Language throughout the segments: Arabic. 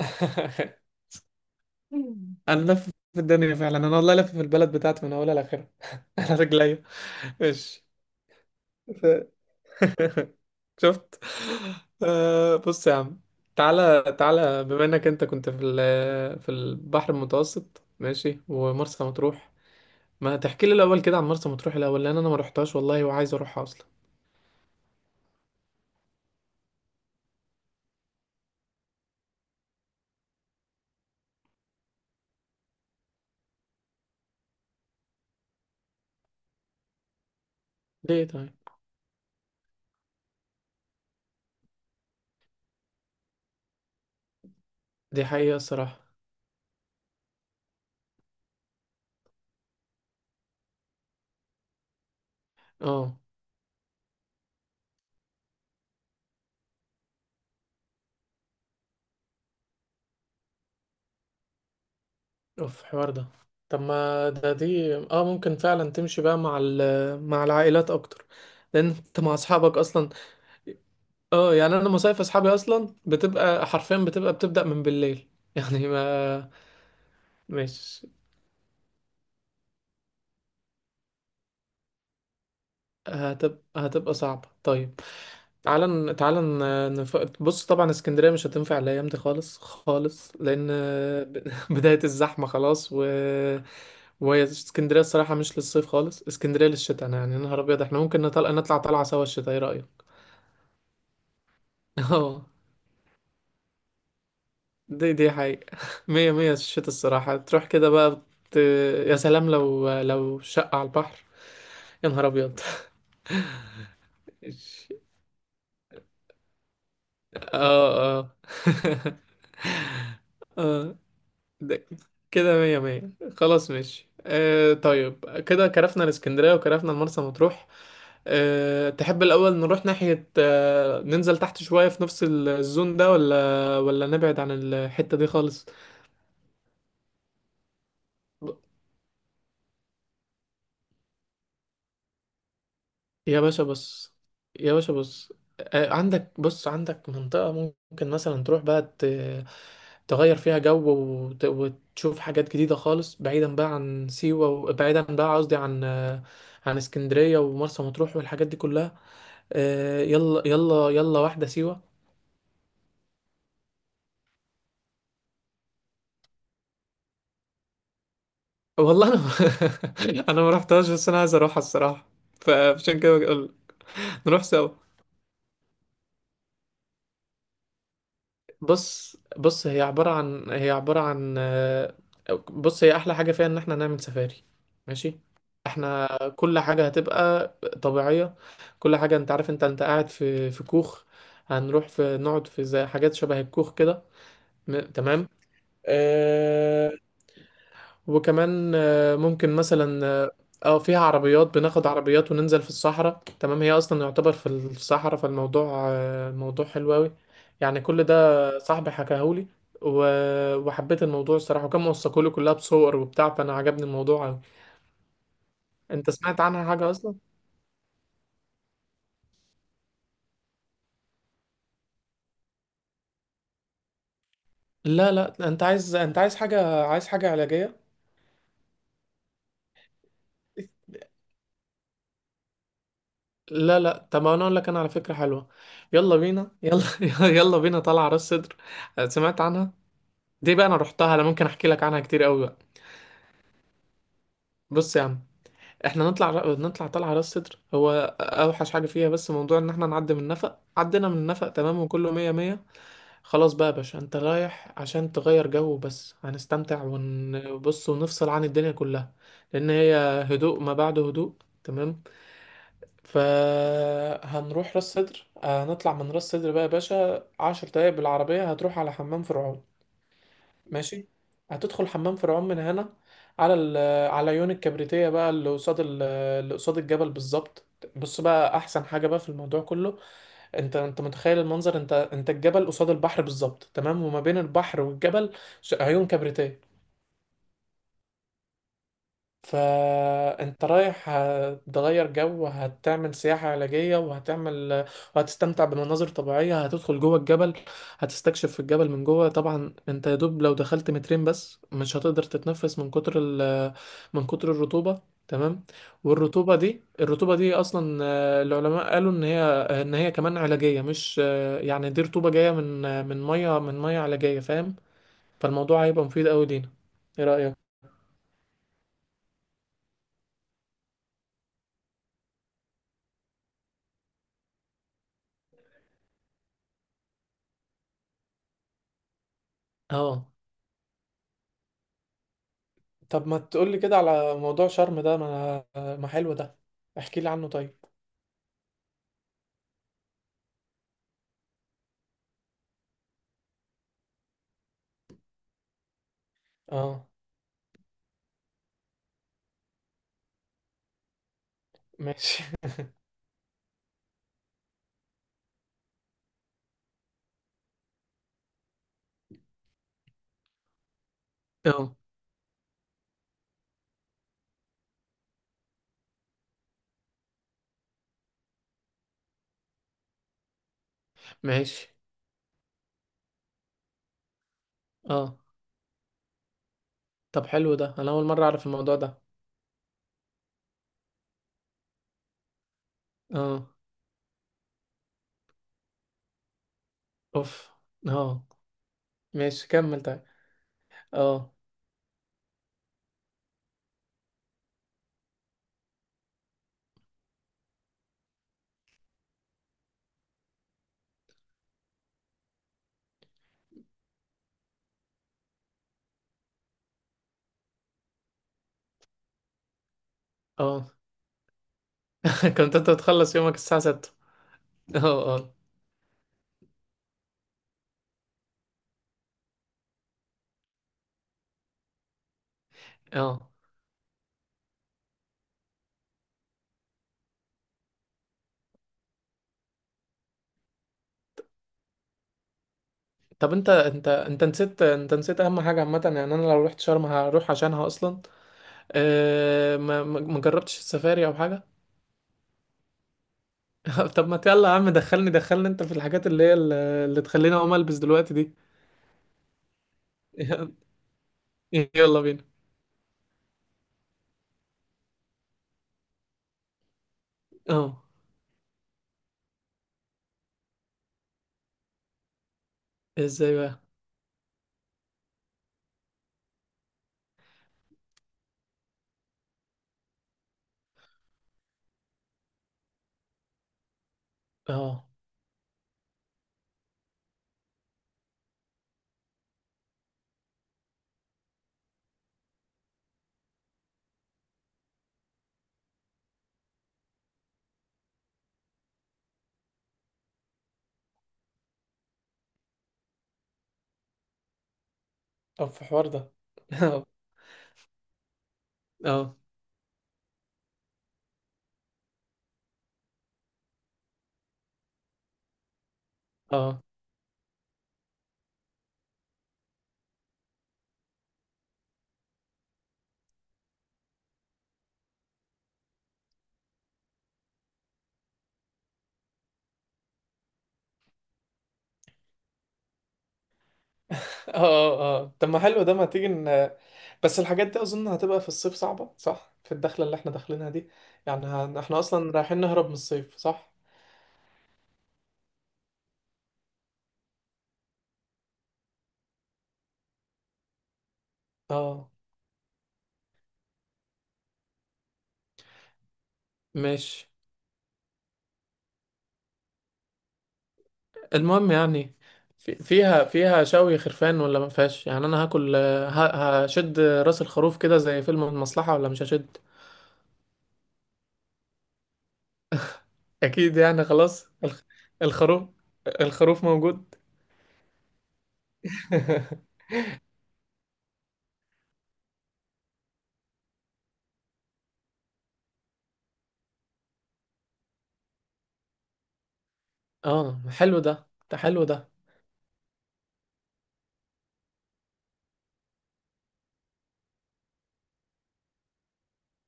انا لف في الدنيا فعلا. والله لف في البلد بتاعتي من اولها لاخرها. انا رجليا مش ف... شفت. آه، بص يا عم، تعالى تعالى، بما انك انت كنت في البحر المتوسط ماشي، ومرسى مطروح ما تحكي لي الاول كده عن مرسى مطروح الاول، لان انا ما رحتهاش والله، وعايز اروحها اصلا. ليه طيب؟ دي حقيقة الصراحة. اه، اوف حوار ده. طب ما ده دي اه، ممكن فعلا تمشي بقى مع العائلات اكتر، لان انت مع اصحابك اصلا. اه، يعني انا مصايف اصحابي اصلا بتبقى حرفيا بتبقى بتبدأ من بالليل، يعني ما مش هتبقى صعبة. طيب بص، طبعا اسكندرية مش هتنفع الأيام دي خالص خالص، لأن بداية الزحمة خلاص. وهي اسكندرية الصراحة مش للصيف خالص، اسكندرية للشتاء. أنا يعني يا نهار أبيض، احنا ممكن نطلع نطلع طلعة سوا الشتاء، ايه رأيك؟ اه، دي حقيقة. مية مية، الشتاء الصراحة تروح كده بقى ت... يا سلام لو شقة على البحر، يا نهار أبيض. اه، اه. اه، ده كده مية مية. خلاص ماشي آه، طيب كده كرفنا الاسكندرية وكرفنا المرسى مطروح. آه، تحب الأول نروح ناحية آه، ننزل تحت شوية في نفس الزون ده، ولا نبعد عن الحتة دي خالص؟ يا باشا بص يا باشا بص، عندك عندك منطقة ممكن مثلا تغير فيها جو، وتشوف حاجات جديدة خالص، بعيدا بقى عن سيوة، وبعيدا بقى قصدي عن عن اسكندرية ومرسى مطروح والحاجات دي كلها. يلا يلا يلا واحدة سيوة. والله انا انا ما رحتهاش، بس انا عايز اروحها الصراحة. فعشان كده بقول نروح سوا. بص، هي عبارة عن بص، هي أحلى حاجة فيها إن احنا نعمل سفاري. ماشي، احنا كل حاجة هتبقى طبيعية. كل حاجة. انت عارف انت قاعد في كوخ، هنروح في نقعد في زي حاجات شبه الكوخ كده. تمام. آه، وكمان ممكن مثلا اه، فيها عربيات، بناخد عربيات وننزل في الصحراء. تمام، هي اصلا يعتبر في الصحراء، فالموضوع الموضوع حلو قوي. يعني كل ده صاحبي حكاهولي، وحبيت الموضوع الصراحة، وكان موثقولي كلها بصور وبتاع، فانا عجبني الموضوع قوي. انت سمعت عنها حاجة اصلا؟ لا لا، انت عايز انت عايز حاجة عايز حاجة علاجية؟ لا لا، طب انا اقول لك انا على فكرة حلوة، يلا بينا يلا. يلا بينا طالعة راس صدر. سمعت عنها؟ دي بقى انا رحتها، انا ممكن احكي لك عنها كتير قوي بقى. بص يا عم، احنا نطلع نطلع طلعه راس صدر. هو اوحش حاجه فيها بس موضوع ان احنا نعدي من النفق. عدينا من النفق تمام، وكله مية مية. خلاص بقى يا باشا، انت رايح عشان تغير جو بس، هنستمتع ونبص ونفصل عن الدنيا كلها. لان هي هدوء ما بعد هدوء. تمام، فهنروح راس صدر. هنطلع من راس صدر بقى يا باشا، 10 دقايق بالعربيه هتروح على حمام فرعون. ماشي، هتدخل حمام فرعون من هنا على على عيون الكبريتية بقى، اللي قصاد الجبل بالظبط. بص بقى، احسن حاجة بقى في الموضوع كله، انت متخيل المنظر؟ انت الجبل قصاد البحر بالظبط. تمام، وما بين البحر والجبل عيون كبريتية. فانت رايح، هتغير جو، هتعمل سياحة علاجية، وهتستمتع بمناظر طبيعية، هتدخل جوه الجبل، هتستكشف في الجبل من جوه. طبعا انت يا دوب لو دخلت مترين بس، مش هتقدر تتنفس من كتر من كتر الرطوبة. تمام، والرطوبة دي، الرطوبة دي اصلا العلماء قالوا ان هي، كمان علاجية، مش يعني دي رطوبة جاية من من مية علاجية، فاهم؟ فالموضوع هيبقى مفيد قوي لينا، ايه رأيك؟ اه، طب ما تقولي كده على موضوع شرم ده، ما حلو ده. احكي لي عنه طيب. اه ماشي. اه ماشي. اه، طب حلو ده، انا اول مرة اعرف الموضوع ده. اه، اوف. اه ماشي، كمل طيب. اه، اه. كنت انت بتخلص يومك الساعة 6؟ اه، اه، اه. طب انت نسيت، نسيت اهم حاجة عامة، يعني انا لو رحت شرم هروح عشانها اصلا. أه، ما جربتش السفاري او حاجة. طب ما يلا يا عم، دخلني دخلني انت في الحاجات اللي تخليني اقوم البس دلوقتي دي. يلا بينا. اه، ازاي بقى؟ اه، طب في الحوار ده. اه، اه، اه، اه، اه. طب ما حلو ده، ما تيجي بس الحاجات دي اظن هتبقى في الصيف صعبة، صح؟ في الدخلة اللي احنا داخلينها دي، يعني احنا اصلا رايحين نهرب من الصيف، صح؟ اه ماشي، المهم يعني، في فيها فيها شوي خرفان ولا ما فيهاش؟ يعني انا هاكل هشد راس الخروف كده زي فيلم المصلحة، ولا مش هشد؟ اكيد يعني، خلاص الخروف، الخروف موجود. اه حلو ده، ده حلو ده.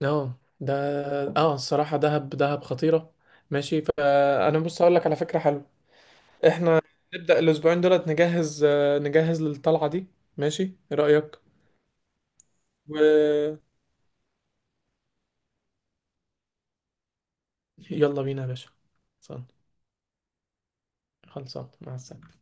اه ده، اه الصراحة دهب دهب خطيرة. ماشي، فانا بص اقول لك على فكرة حلوة، احنا نبدأ الاسبوعين دولت نجهز، نجهز للطلعة دي، ماشي؟ ايه رأيك؟ و يلا بينا يا باشا، خلصان، مع السلامة.